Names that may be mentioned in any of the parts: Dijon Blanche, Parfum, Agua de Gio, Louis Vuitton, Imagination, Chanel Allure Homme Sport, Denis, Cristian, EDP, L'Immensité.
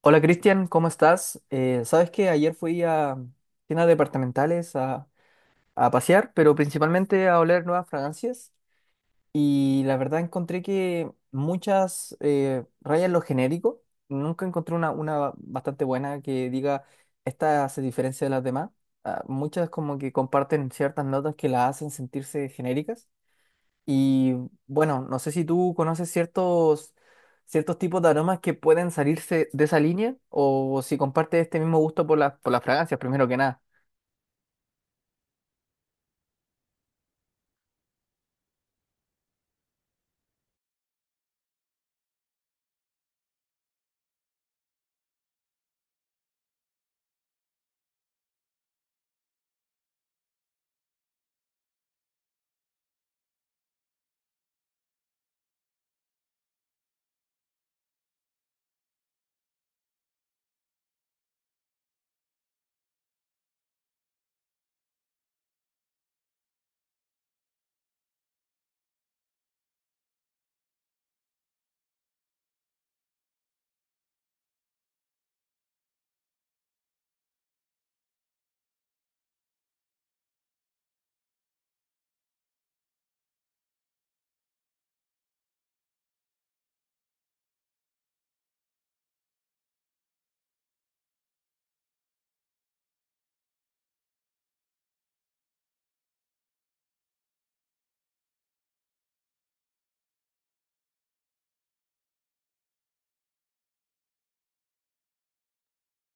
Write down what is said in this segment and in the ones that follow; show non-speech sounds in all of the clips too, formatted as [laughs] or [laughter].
Hola Cristian, ¿cómo estás? Sabes que ayer fui a tiendas departamentales a pasear, pero principalmente a oler nuevas fragancias y la verdad encontré que muchas rayan lo genérico. Nunca encontré una bastante buena que diga esta se diferencia de las demás. Ah, muchas como que comparten ciertas notas que las hacen sentirse genéricas. Y bueno, no sé si tú conoces ciertos tipos de aromas que pueden salirse de esa línea o si compartes este mismo gusto por por las fragancias, primero que nada.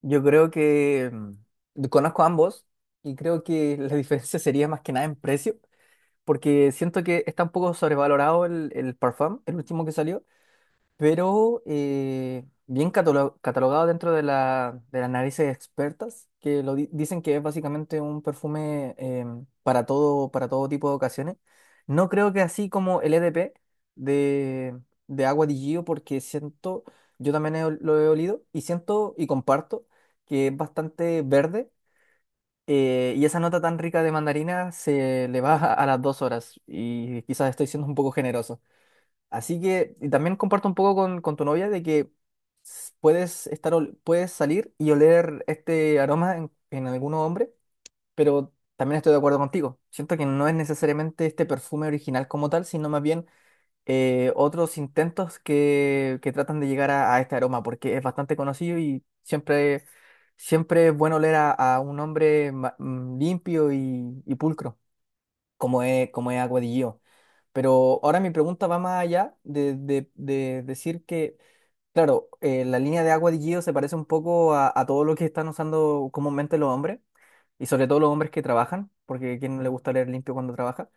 Yo creo que conozco ambos y creo que la [laughs] diferencia sería más que nada en precio, porque siento que está un poco sobrevalorado el Parfum, el último que salió. Pero bien catalogado dentro de de las narices expertas, que dicen que es básicamente un perfume para todo tipo de ocasiones. No creo que así como el EDP de, de Agua di Gio, porque siento, yo también lo he olido y siento y comparto que es bastante verde. Y esa nota tan rica de mandarina se le va a las dos horas y quizás estoy siendo un poco generoso. Así que, y también comparto un poco con tu novia de que puedes puedes salir y oler este aroma en algún hombre, pero también estoy de acuerdo contigo. Siento que no es necesariamente este perfume original como tal, sino más bien otros intentos que tratan de llegar a este aroma, porque es bastante conocido y siempre es bueno oler a un hombre limpio y pulcro como como es Agua de Gio. Pero ahora mi pregunta va más allá de, de decir que, claro, la línea de Agua de Gio se parece un poco a todo lo que están usando comúnmente los hombres, y sobre todo los hombres que trabajan, porque a quién no le gusta leer limpio cuando trabaja.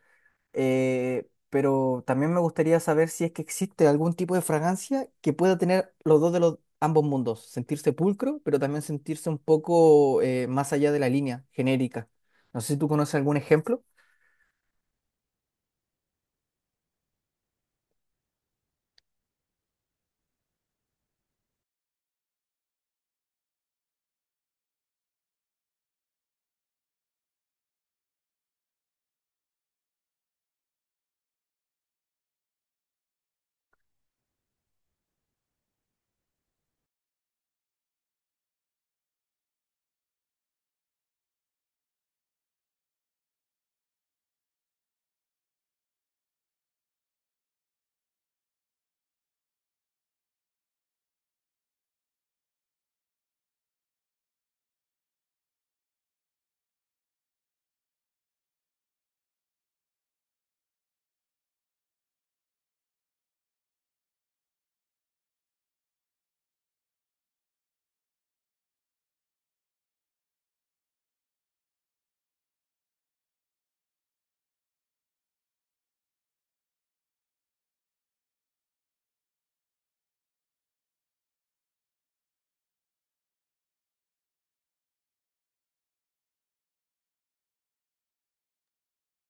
Pero también me gustaría saber si es que existe algún tipo de fragancia que pueda tener los dos de los ambos mundos, sentirse pulcro, pero también sentirse un poco más allá de la línea genérica. No sé si tú conoces algún ejemplo.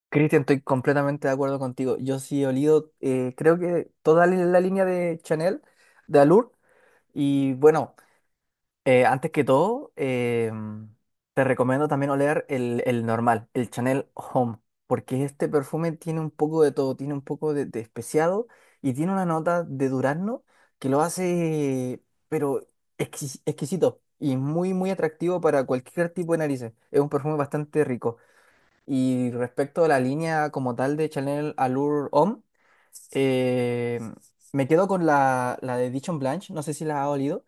Cristian, estoy completamente de acuerdo contigo. Yo sí he olido, creo que toda la línea de Chanel, de Allure. Y bueno, antes que todo, te recomiendo también oler el normal, el Chanel Home, porque este perfume tiene un poco de todo, tiene un poco de especiado y tiene una nota de durazno que lo hace, pero exquisito y muy, muy atractivo para cualquier tipo de narices. Es un perfume bastante rico. Y respecto a la línea como tal de Chanel Allure Homme, eh, me quedo con la de Dijon Blanche, no sé si la ha olido,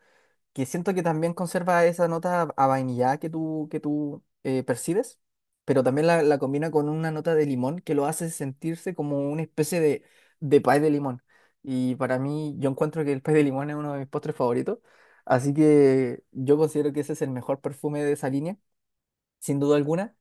que siento que también conserva esa nota a vainilla que que tú percibes, pero también la combina con una nota de limón que lo hace sentirse como una especie de pie de limón. Y para mí, yo encuentro que el pie de limón es uno de mis postres favoritos, así que yo considero que ese es el mejor perfume de esa línea sin duda alguna,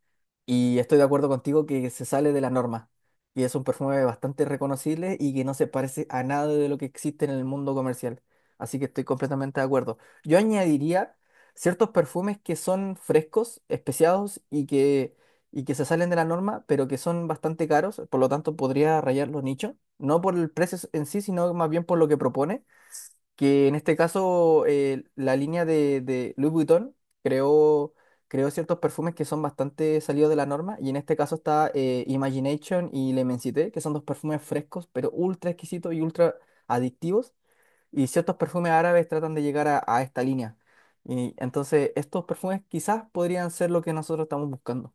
y estoy de acuerdo contigo que se sale de la norma. Y es un perfume bastante reconocible y que no se parece a nada de lo que existe en el mundo comercial. Así que estoy completamente de acuerdo. Yo añadiría ciertos perfumes que son frescos, especiados y que se salen de la norma, pero que son bastante caros, por lo tanto podría rayar los nichos, no por el precio en sí, sino más bien por lo que propone que en este caso la línea de Louis Vuitton creó, creó ciertos perfumes que son bastante salidos de la norma, y en este caso está Imagination y L'Immensité, que son dos perfumes frescos, pero ultra exquisitos y ultra adictivos, y ciertos perfumes árabes tratan de llegar a esta línea. Y entonces estos perfumes quizás podrían ser lo que nosotros estamos buscando.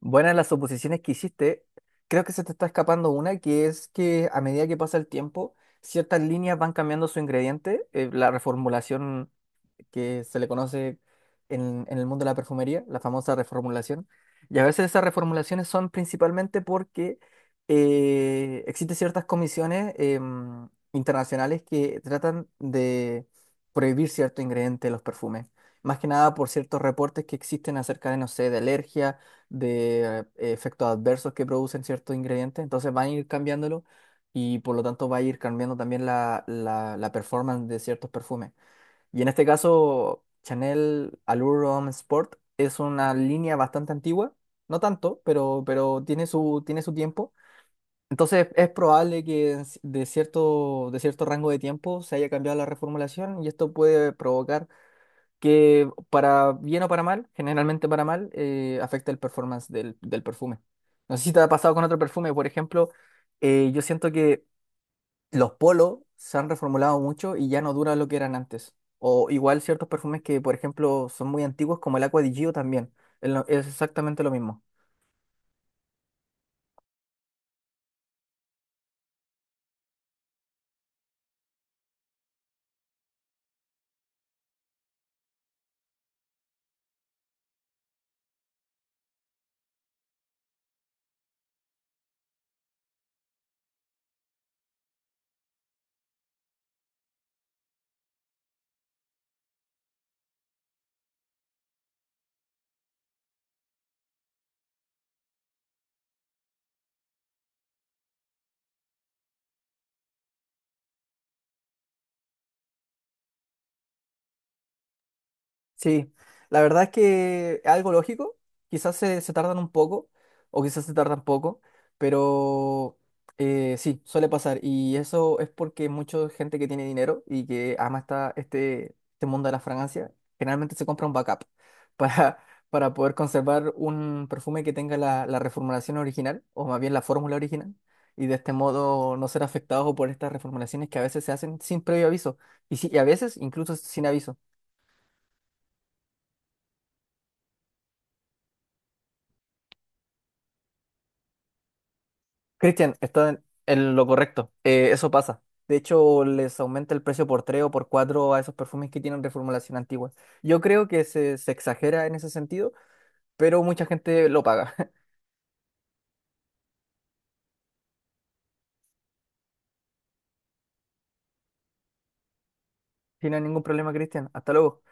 Buenas las suposiciones que hiciste. Creo que se te está escapando una, que es que a medida que pasa el tiempo, ciertas líneas van cambiando su ingrediente. La reformulación que se le conoce en el mundo de la perfumería, la famosa reformulación. Y a veces esas reformulaciones son principalmente porque existen ciertas comisiones internacionales que tratan de prohibir cierto ingrediente de los perfumes. Más que nada por ciertos reportes que existen acerca de, no sé, de alergia, de efectos adversos que producen ciertos ingredientes. Entonces van a ir cambiándolo y por lo tanto va a ir cambiando también la performance de ciertos perfumes. Y en este caso, Chanel Allure Homme Sport es una línea bastante antigua, no tanto, pero tiene tiene su tiempo. Entonces es probable que en de cierto rango de tiempo se haya cambiado la reformulación y esto puede provocar que para bien o para mal, generalmente para mal, afecte el performance del perfume. No sé si te ha pasado con otro perfume, por ejemplo, yo siento que los polos se han reformulado mucho y ya no duran lo que eran antes. O igual ciertos perfumes que, por ejemplo, son muy antiguos, como el Aqua di Gio también. Es exactamente lo mismo. Sí, la verdad es que es algo lógico, quizás se tardan un poco o quizás se tardan poco, pero sí, suele pasar y eso es porque mucha gente que tiene dinero y que ama este mundo de las fragancias generalmente se compra un backup [laughs] para, para poder conservar un perfume que tenga la reformulación original o más bien la fórmula original y de este modo no ser afectado por estas reformulaciones que a veces se hacen sin previo aviso y a veces incluso sin aviso. Cristian, está en lo correcto. Eso pasa. De hecho, les aumenta el precio por 3 o por 4 a esos perfumes que tienen reformulación antigua. Yo creo que se exagera en ese sentido, pero mucha gente lo paga. [laughs] Sin ningún problema, Cristian. Hasta luego.